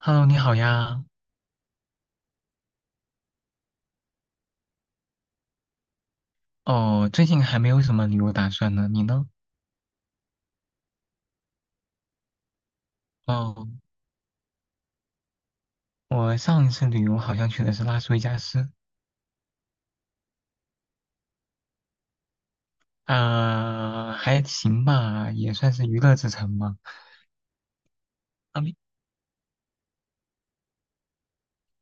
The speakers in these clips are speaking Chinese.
Hello，你好呀。哦，最近还没有什么旅游打算呢，你呢？哦，我上一次旅游好像去的是拉斯维加斯。啊、还行吧，也算是娱乐之城嘛。那边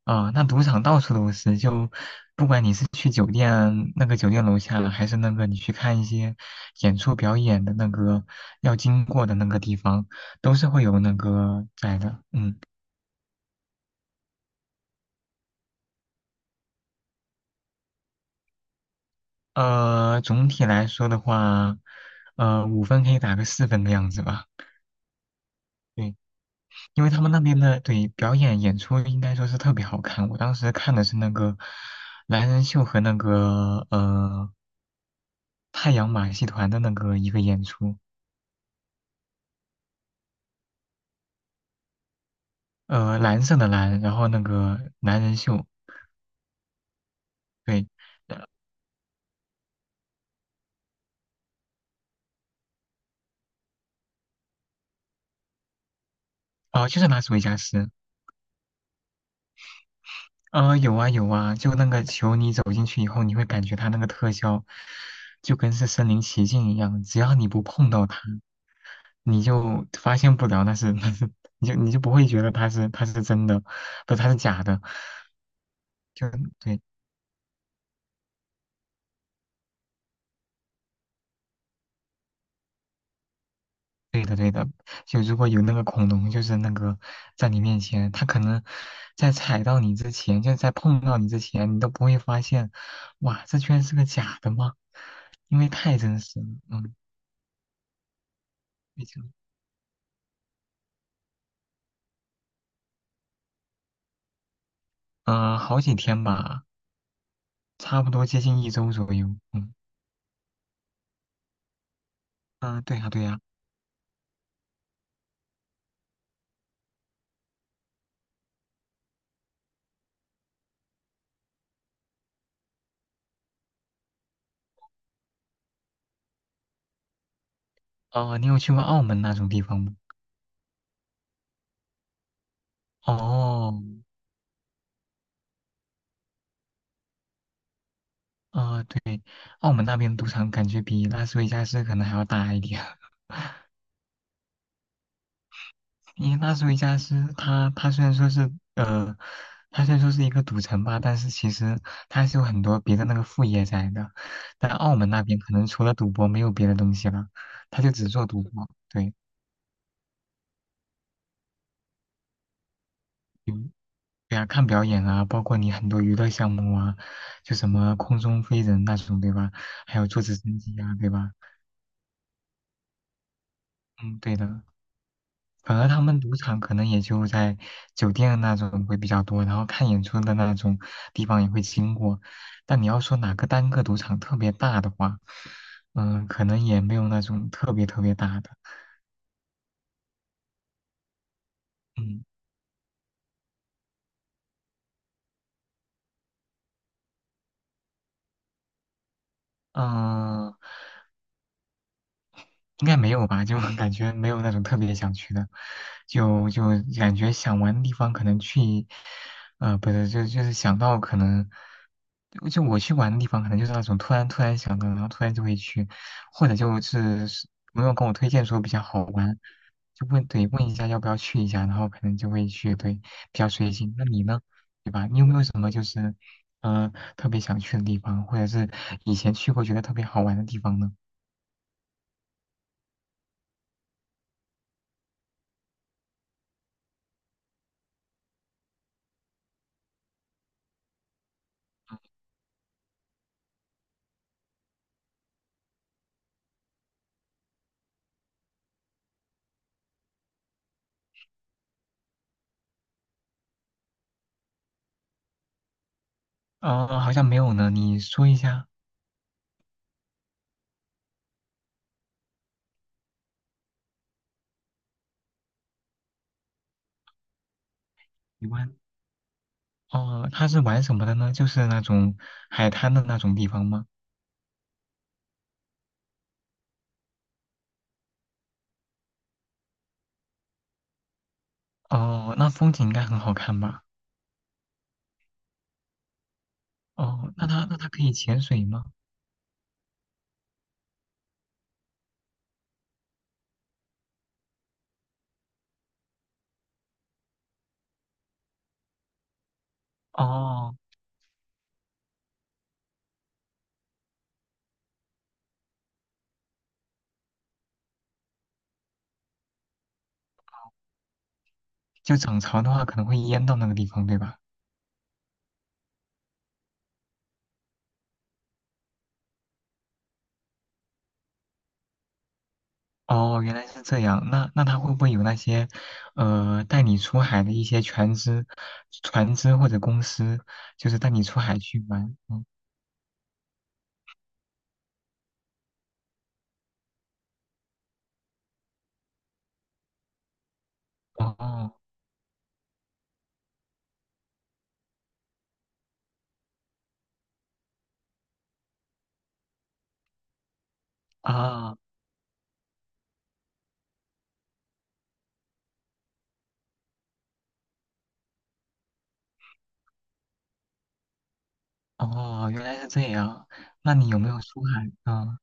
啊、那赌场到处都是，就不管你是去酒店楼下，还是那个你去看一些演出表演的那个要经过的那个地方，都是会有那个在的。嗯。总体来说的话，五分可以打个四分的样子吧。对，因为他们那边的对表演演出应该说是特别好看。我当时看的是那个男人秀和那个太阳马戏团的那个一个演出，蓝色的蓝，然后那个男人秀，对，呃哦，就是拉斯维加斯。有啊有啊，就那个球，你走进去以后，你会感觉它那个特效就跟是身临其境一样，只要你不碰到它。你就发现不了那是 那是，你就不会觉得它是真的，不它是假的，就对对的对的。就如果有那个恐龙就是那个在你面前，它可能在踩到你之前，就在碰到你之前，你都不会发现，哇，这居然是个假的吗？因为太真实了，嗯，毕竟，嗯、好几天吧，差不多接近一周左右，嗯嗯、对呀、对呀、哦、你有去过澳门那种地方吗？哦，啊，对，澳门那边赌场感觉比拉斯维加斯可能还要大一点，因为拉斯维加斯它虽然说是它虽然说是一个赌城吧，但是其实它还是有很多别的那个副业在的，但澳门那边可能除了赌博没有别的东西了，它就只做赌博，对。嗯对啊，看表演啊，包括你很多娱乐项目啊，就什么空中飞人那种，对吧？还有坐直升机啊，对吧？嗯，对的。反而他们赌场可能也就在酒店那种会比较多，然后看演出的那种地方也会经过。但你要说哪个单个赌场特别大的话，嗯，可能也没有那种特别特别大的。嗯嗯，应该没有吧？就 感觉没有那种特别想去的，就感觉想玩的地方可能去，不是，就是想到可能，就我去玩的地方可能就是那种突然想到，然后突然就会去，或者就是朋友跟我推荐说比较好玩，就问对问一下要不要去一下，然后可能就会去，对，比较随性。那你呢？对吧？你有没有什么就是，特别想去的地方，或者是以前去过觉得特别好玩的地方呢？哦，好像没有呢，你说一下。你问。哦，他是玩什么的呢？就是那种海滩的那种地方吗？哦，那风景应该很好看吧？哦，那他可以潜水吗？哦，就涨潮的话可能会淹到那个地方，对吧？哦，原来是这样。那他会不会有那些，带你出海的一些船只或者公司，就是带你出海去玩？嗯，哦啊哦，原来是这样。那你有没有出海？嗯。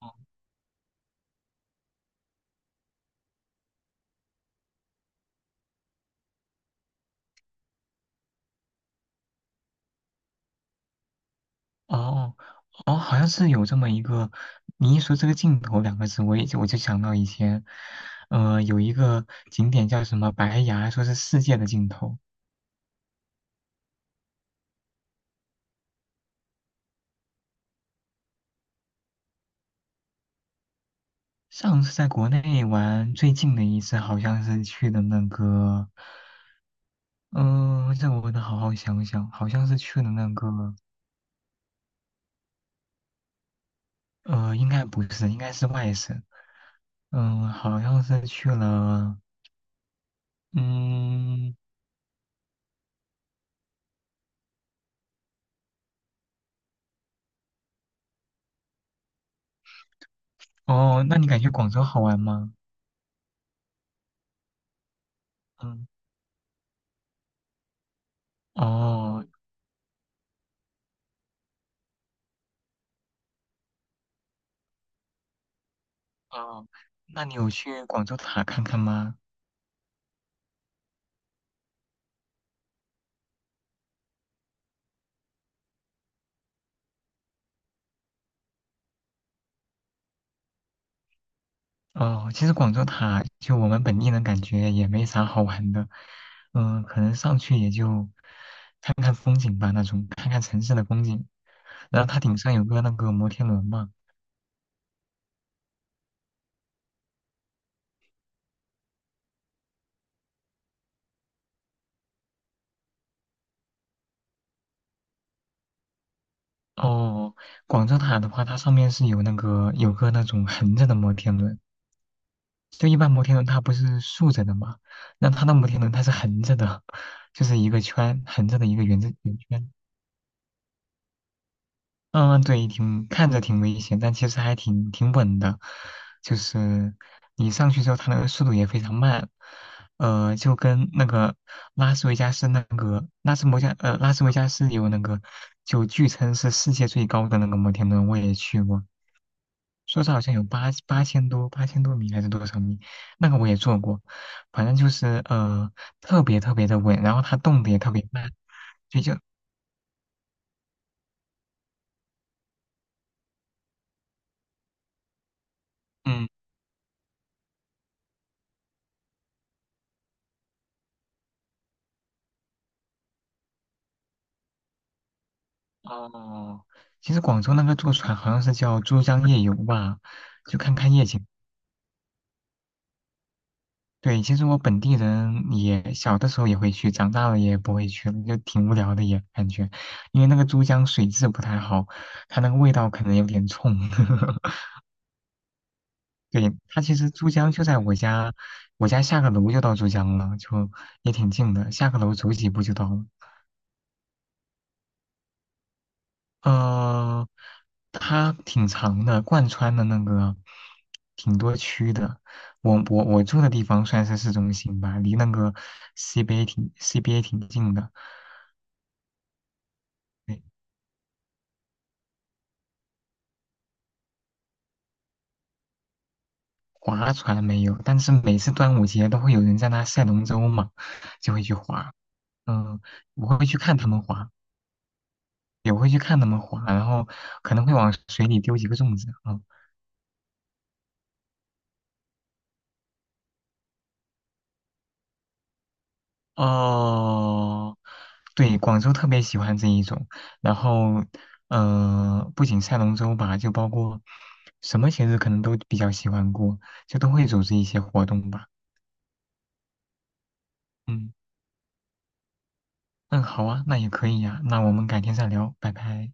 哦哦哦，好像是有这么一个，你一说这个镜头两个字，我就想到以前，有一个景点叫什么白崖，说是世界的尽头。上次在国内玩最近的一次，好像是去的那个，嗯、这我得好好想想，好像是去了那个，呃，应该不是，应该是外省，嗯、好像是去了，嗯，哦，那你感觉广州好玩吗？嗯。哦，哦，那你有去广州塔看看吗？哦，其实广州塔就我们本地人感觉也没啥好玩的，嗯、可能上去也就看看风景吧，那种看看城市的风景。然后它顶上有个那个摩天轮嘛。哦，广州塔的话，它上面是有个那种横着的摩天轮，就一般摩天轮它不是竖着的嘛，那它的摩天轮它是横着的，就是一个圈横着的一个圆圈。嗯，对，挺看着挺危险，但其实还挺稳的。就是你上去之后，它那个速度也非常慢，就跟那个拉斯维加斯那个拉斯维加斯有那个，就据称是世界最高的那个摩天轮，我也去过，说是好像有八千多米还是多少米，那个我也坐过，反正就是特别特别的稳，然后它动的也特别慢，所以就嗯。哦，其实广州那个坐船好像是叫珠江夜游吧，就看看夜景。对，其实我本地人也小的时候也会去，长大了也不会去了，就挺无聊的也感觉，因为那个珠江水质不太好，它那个味道可能有点冲。对，它其实珠江就在我家，我家下个楼就到珠江了，就也挺近的，下个楼走几步就到了。呃，它挺长的，贯穿的那个挺多区的。我住的地方算是市中心吧，离那个 CBA 挺 CBA 挺近的。对划船没有，但是每次端午节都会有人在那赛龙舟嘛，就会去划。嗯，我会去看他们划，也会去看他们划，然后可能会往水里丢几个粽子。嗯哦，对，广州特别喜欢这一种。然后，嗯，不仅赛龙舟吧，就包括什么节日可能都比较喜欢过，就都会组织一些活动吧。嗯，嗯，好啊，那也可以呀、那我们改天再聊，拜拜。